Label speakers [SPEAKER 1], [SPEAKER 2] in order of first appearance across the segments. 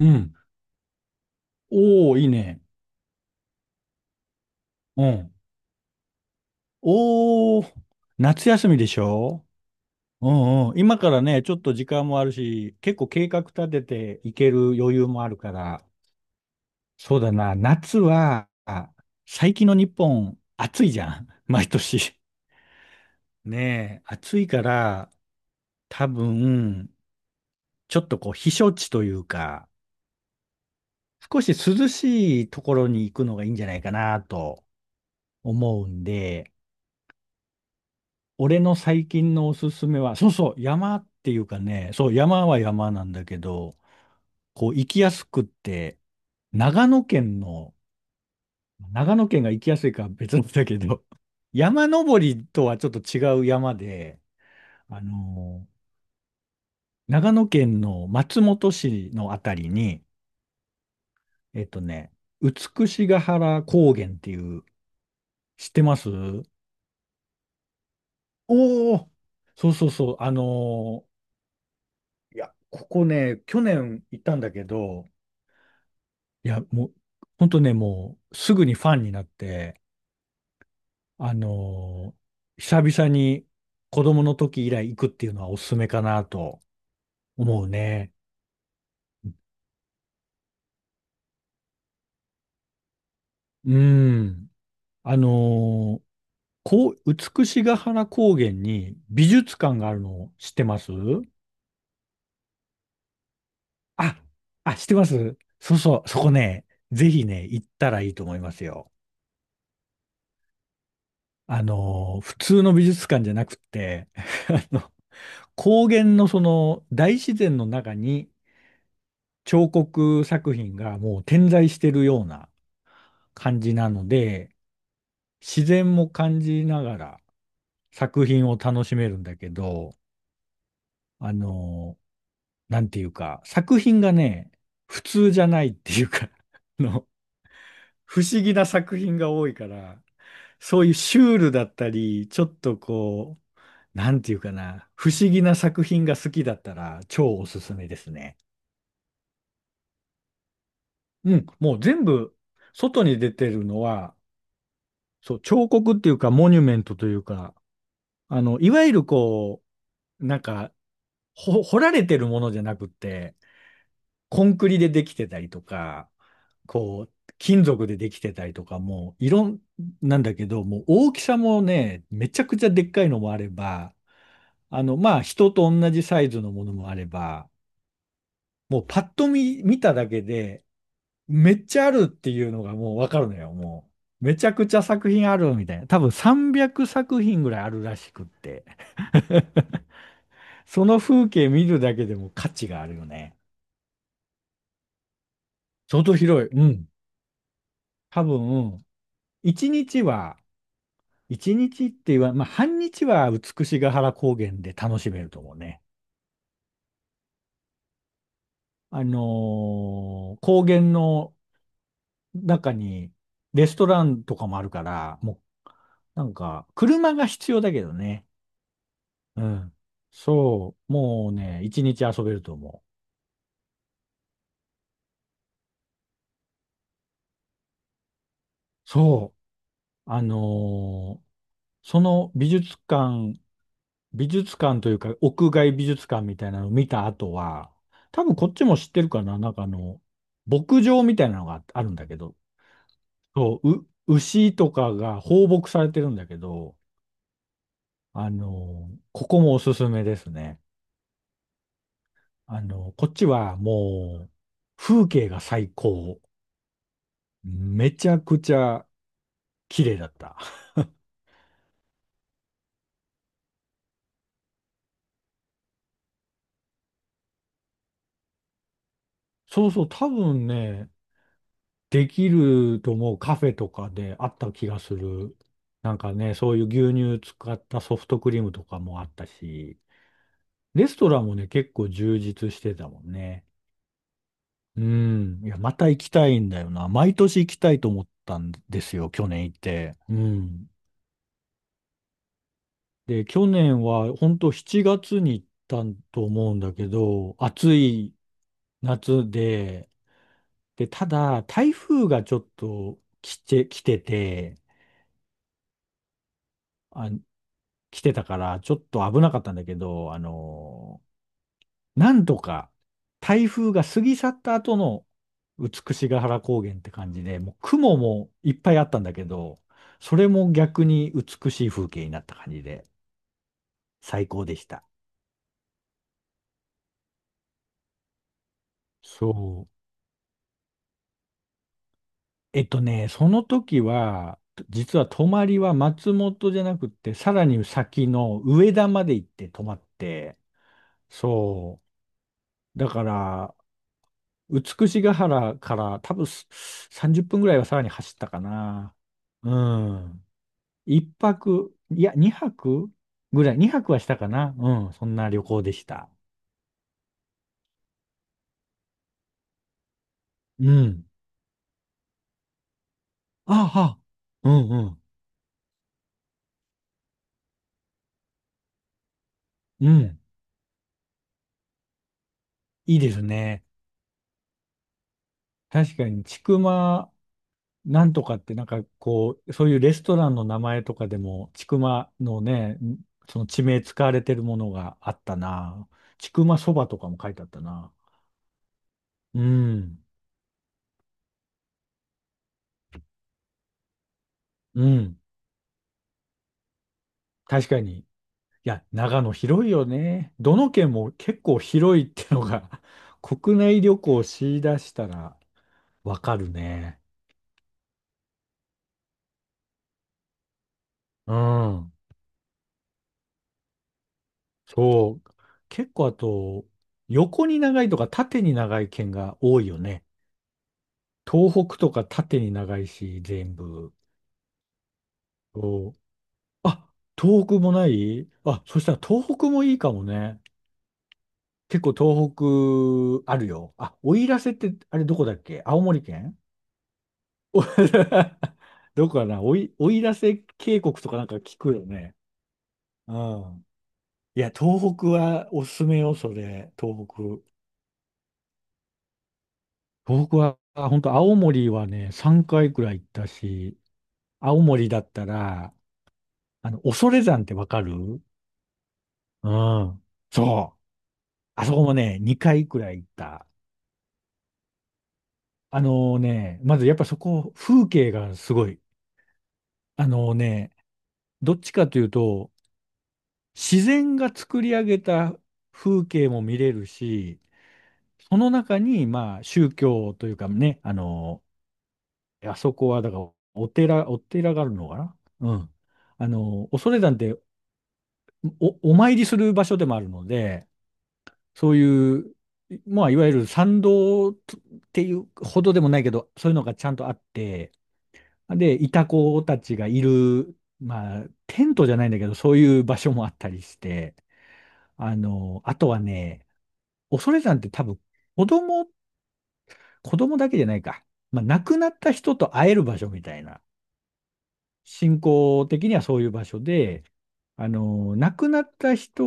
[SPEAKER 1] うん。おー、いいね。うん。おー、夏休みでしょ？うんうん。今からね、ちょっと時間もあるし、結構計画立てていける余裕もあるから、そうだな、夏は、最近の日本、暑いじゃん。毎年。ねえ、暑いから、多分、ちょっとこう、避暑地というか、少し涼しいところに行くのがいいんじゃないかなと思うんで、俺の最近のおすすめは、そうそう、山っていうかね、そう、山は山なんだけど、こう、行きやすくって、長野県の、長野県が行きやすいかは別なんだけど、山登りとはちょっと違う山で、あのー長野県の松本市のあたりに、えっとね、美ヶ原高原っていう、知ってます？おおそうそうそう、いや、ここね、去年行ったんだけど、いや、もう、ほんとね、もう、すぐにファンになって、あのー久々に子供の時以来行くっていうのはおすすめかなと思うね。うん。あのーこう、美しが原高原に美術館があるの知ってます？あ、あ、知ってます。そうそう、そこね、ぜひね、行ったらいいと思いますよ。普通の美術館じゃなくって、あの高原のその大自然の中に、彫刻作品がもう点在してるような感じなので、自然も感じながら作品を楽しめるんだけど、あの、なんていうか、作品がね、普通じゃないっていうか、あの、不思議な作品が多いから、そういうシュールだったり、ちょっとこう、なんていうかな、不思議な作品が好きだったら超おすすめですね。うん、もう全部、外に出てるのは、そう、彫刻っていうか、モニュメントというか、いわゆるこう、なんか、掘られてるものじゃなくって、コンクリでできてたりとか、こう、金属でできてたりとか、もう、いろん、なんだけど、もう大きさもね、めちゃくちゃでっかいのもあれば、まあ、人と同じサイズのものもあれば、もうパッと見、見ただけで、めっちゃあるっていうのがもうわかるのよ、もう。めちゃくちゃ作品あるみたいな。多分300作品ぐらいあるらしくって。その風景見るだけでも価値があるよね。相当広い。うん。多分、1日は、一日って言わ、まあ、半日は美しが原高原で楽しめると思うね。高原の中にレストランとかもあるから、もうなんか、車が必要だけどね。うん。そう、もうね、一日遊べると思う。そう、その美術館、美術館というか、屋外美術館みたいなのを見た後は、多分こっちも知ってるかな、なんか牧場みたいなのがあるんだけど、そう、牛とかが放牧されてるんだけど、ここもおすすめですね。こっちはもう、風景が最高。めちゃくちゃ綺麗だった。そうそう、多分ね、できると思う。カフェとかであった気がする。なんかね、そういう牛乳使ったソフトクリームとかもあったし、レストランもね、結構充実してたもんね。うん。いや、また行きたいんだよな。毎年行きたいと思ったんですよ、去年行って。うん。で、去年は本当7月に行ったと思うんだけど、暑い夏で、で、ただ、台風がちょっと来てて、あ、来てたから、ちょっと危なかったんだけど、なんとか台風が過ぎ去った後の美しが原高原って感じで、もう雲もいっぱいあったんだけど、それも逆に美しい風景になった感じで、最高でした。そう。その時は、実は泊まりは松本じゃなくて、さらに先の上田まで行って泊まって、そう。だから、美しが原から多分30分ぐらいはさらに走ったかな。うん。一泊、いや、二泊ぐらい、二泊はしたかな。うん、そんな旅行でした。うん。ああ、うんうん、うん。いいですね。確かに、ちくまなんとかって、なんかこう、そういうレストランの名前とかでも、千曲のね、その地名使われてるものがあったな。ちくまそばとかも書いてあったな。うん、うん。確かに。いや、長野広いよね。どの県も結構広いってのが 国内旅行をし出したらわかるね。うん。そう。結構あと、横に長いとか縦に長い県が多いよね。東北とか縦に長いし、全部。そうあ、東北もないそしたら東北もいいかもね。結構東北あるよ。あ、奥入瀬って、あれどこだっけ？青森県お どこかな、追い出せ渓谷とかなんか聞くよね。うん。いや、東北はおすすめよ、それ、東北。東北は、本当青森はね、3回くらい行ったし、青森だったら、恐山ってわかる？うん。そう。あそこもね、2回くらい行った。まずやっぱそこ、風景がすごい。あのね、どっちかというと、自然が作り上げた風景も見れるし、その中に、まあ、宗教というかね、あそこは、だから、お寺があるのかな。うん。恐山ってお参りする場所でもあるので、そういう、まあ、いわゆる参道っていうほどでもないけど、そういうのがちゃんとあって、で、イタコたちがいる、まあ、テントじゃないんだけど、そういう場所もあったりして、あとはね、恐山って多分、子供、子供だけじゃないか。まあ、亡くなった人と会える場所みたいな。信仰的にはそういう場所で、亡くなった人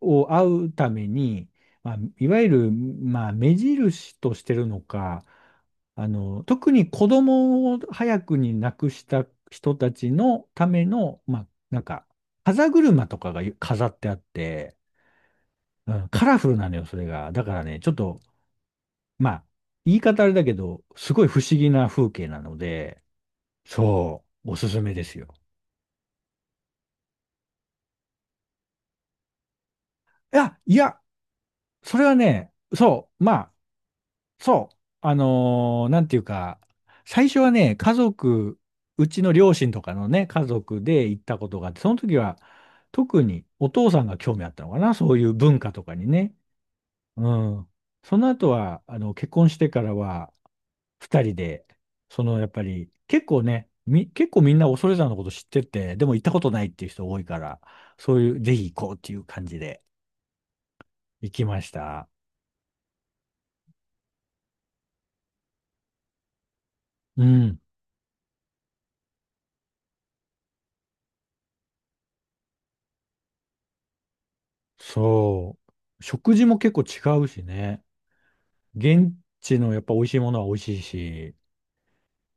[SPEAKER 1] を会うために、まあ、いわゆる、まあ、目印としてるのか、特に子供を早くに亡くした人たちのための、まあ、なんか、風車とかが飾ってあって、うん、カラフルなのよ、それが。だからね、ちょっとまあ、言い方あれだけど、すごい不思議な風景なので、そう、おすすめですよ。いや、いや、それはね、そう、まあ、そう、なんていうか、最初はね、家族、うちの両親とかのね、家族で行ったことがあって、その時は、特にお父さんが興味あったのかな、そういう文化とかにね。うん。その後は、結婚してからは、二人で、やっぱり、結構ね、結構みんな恐山のこと知ってて、でも行ったことないっていう人多いから、そういう、ぜひ行こうっていう感じで行きました。うん。そう。食事も結構違うしね。現地のやっぱ美味しいものは美味しいし、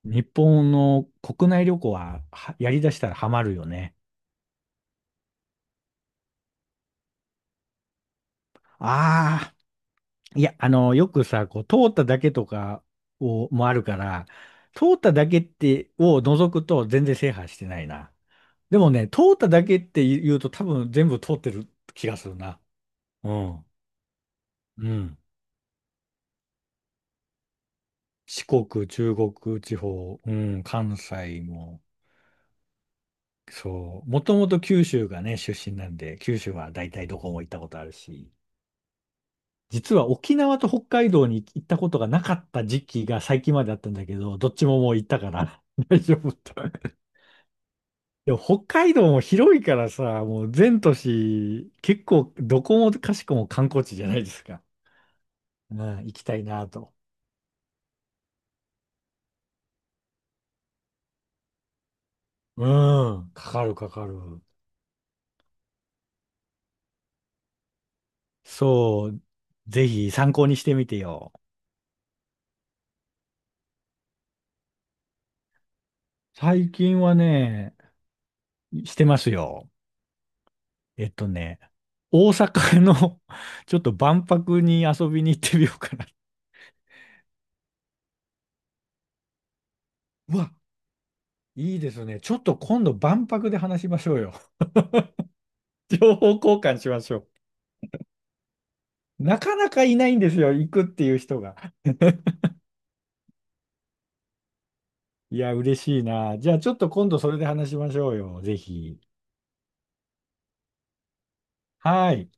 [SPEAKER 1] 日本の国内旅行は、はやりだしたらハマるよね。あいや、よくさ、こう、通っただけとかを、もあるから、通っただけって、を除くと全然制覇してないな。でもね、通っただけって言うと多分全部通ってる気がするな。うん。うん。四国、中国地方、うん、関西も、そう。もともと九州がね、出身なんで、九州は大体どこも行ったことあるし、実は沖縄と北海道に行ったことがなかった時期が最近まであったんだけど、どっちももう行ったから 大丈夫と。でも北海道も広いからさ、もう全都市、結構どこもかしこも観光地じゃないですか。うん、行きたいなと。うん、かかるかかる。そう、ぜひ参考にしてみてよ。最近はね、してますよ。えっとね、大阪の ちょっと万博に遊びに行ってみようかな。うわ、いいですね。ちょっと今度万博で話しましょうよ。情報交換しましょう。なかなかいないんですよ、行くっていう人が。いや、嬉しいな。じゃあ、ちょっと今度それで話しましょうよ。ぜひ。はい。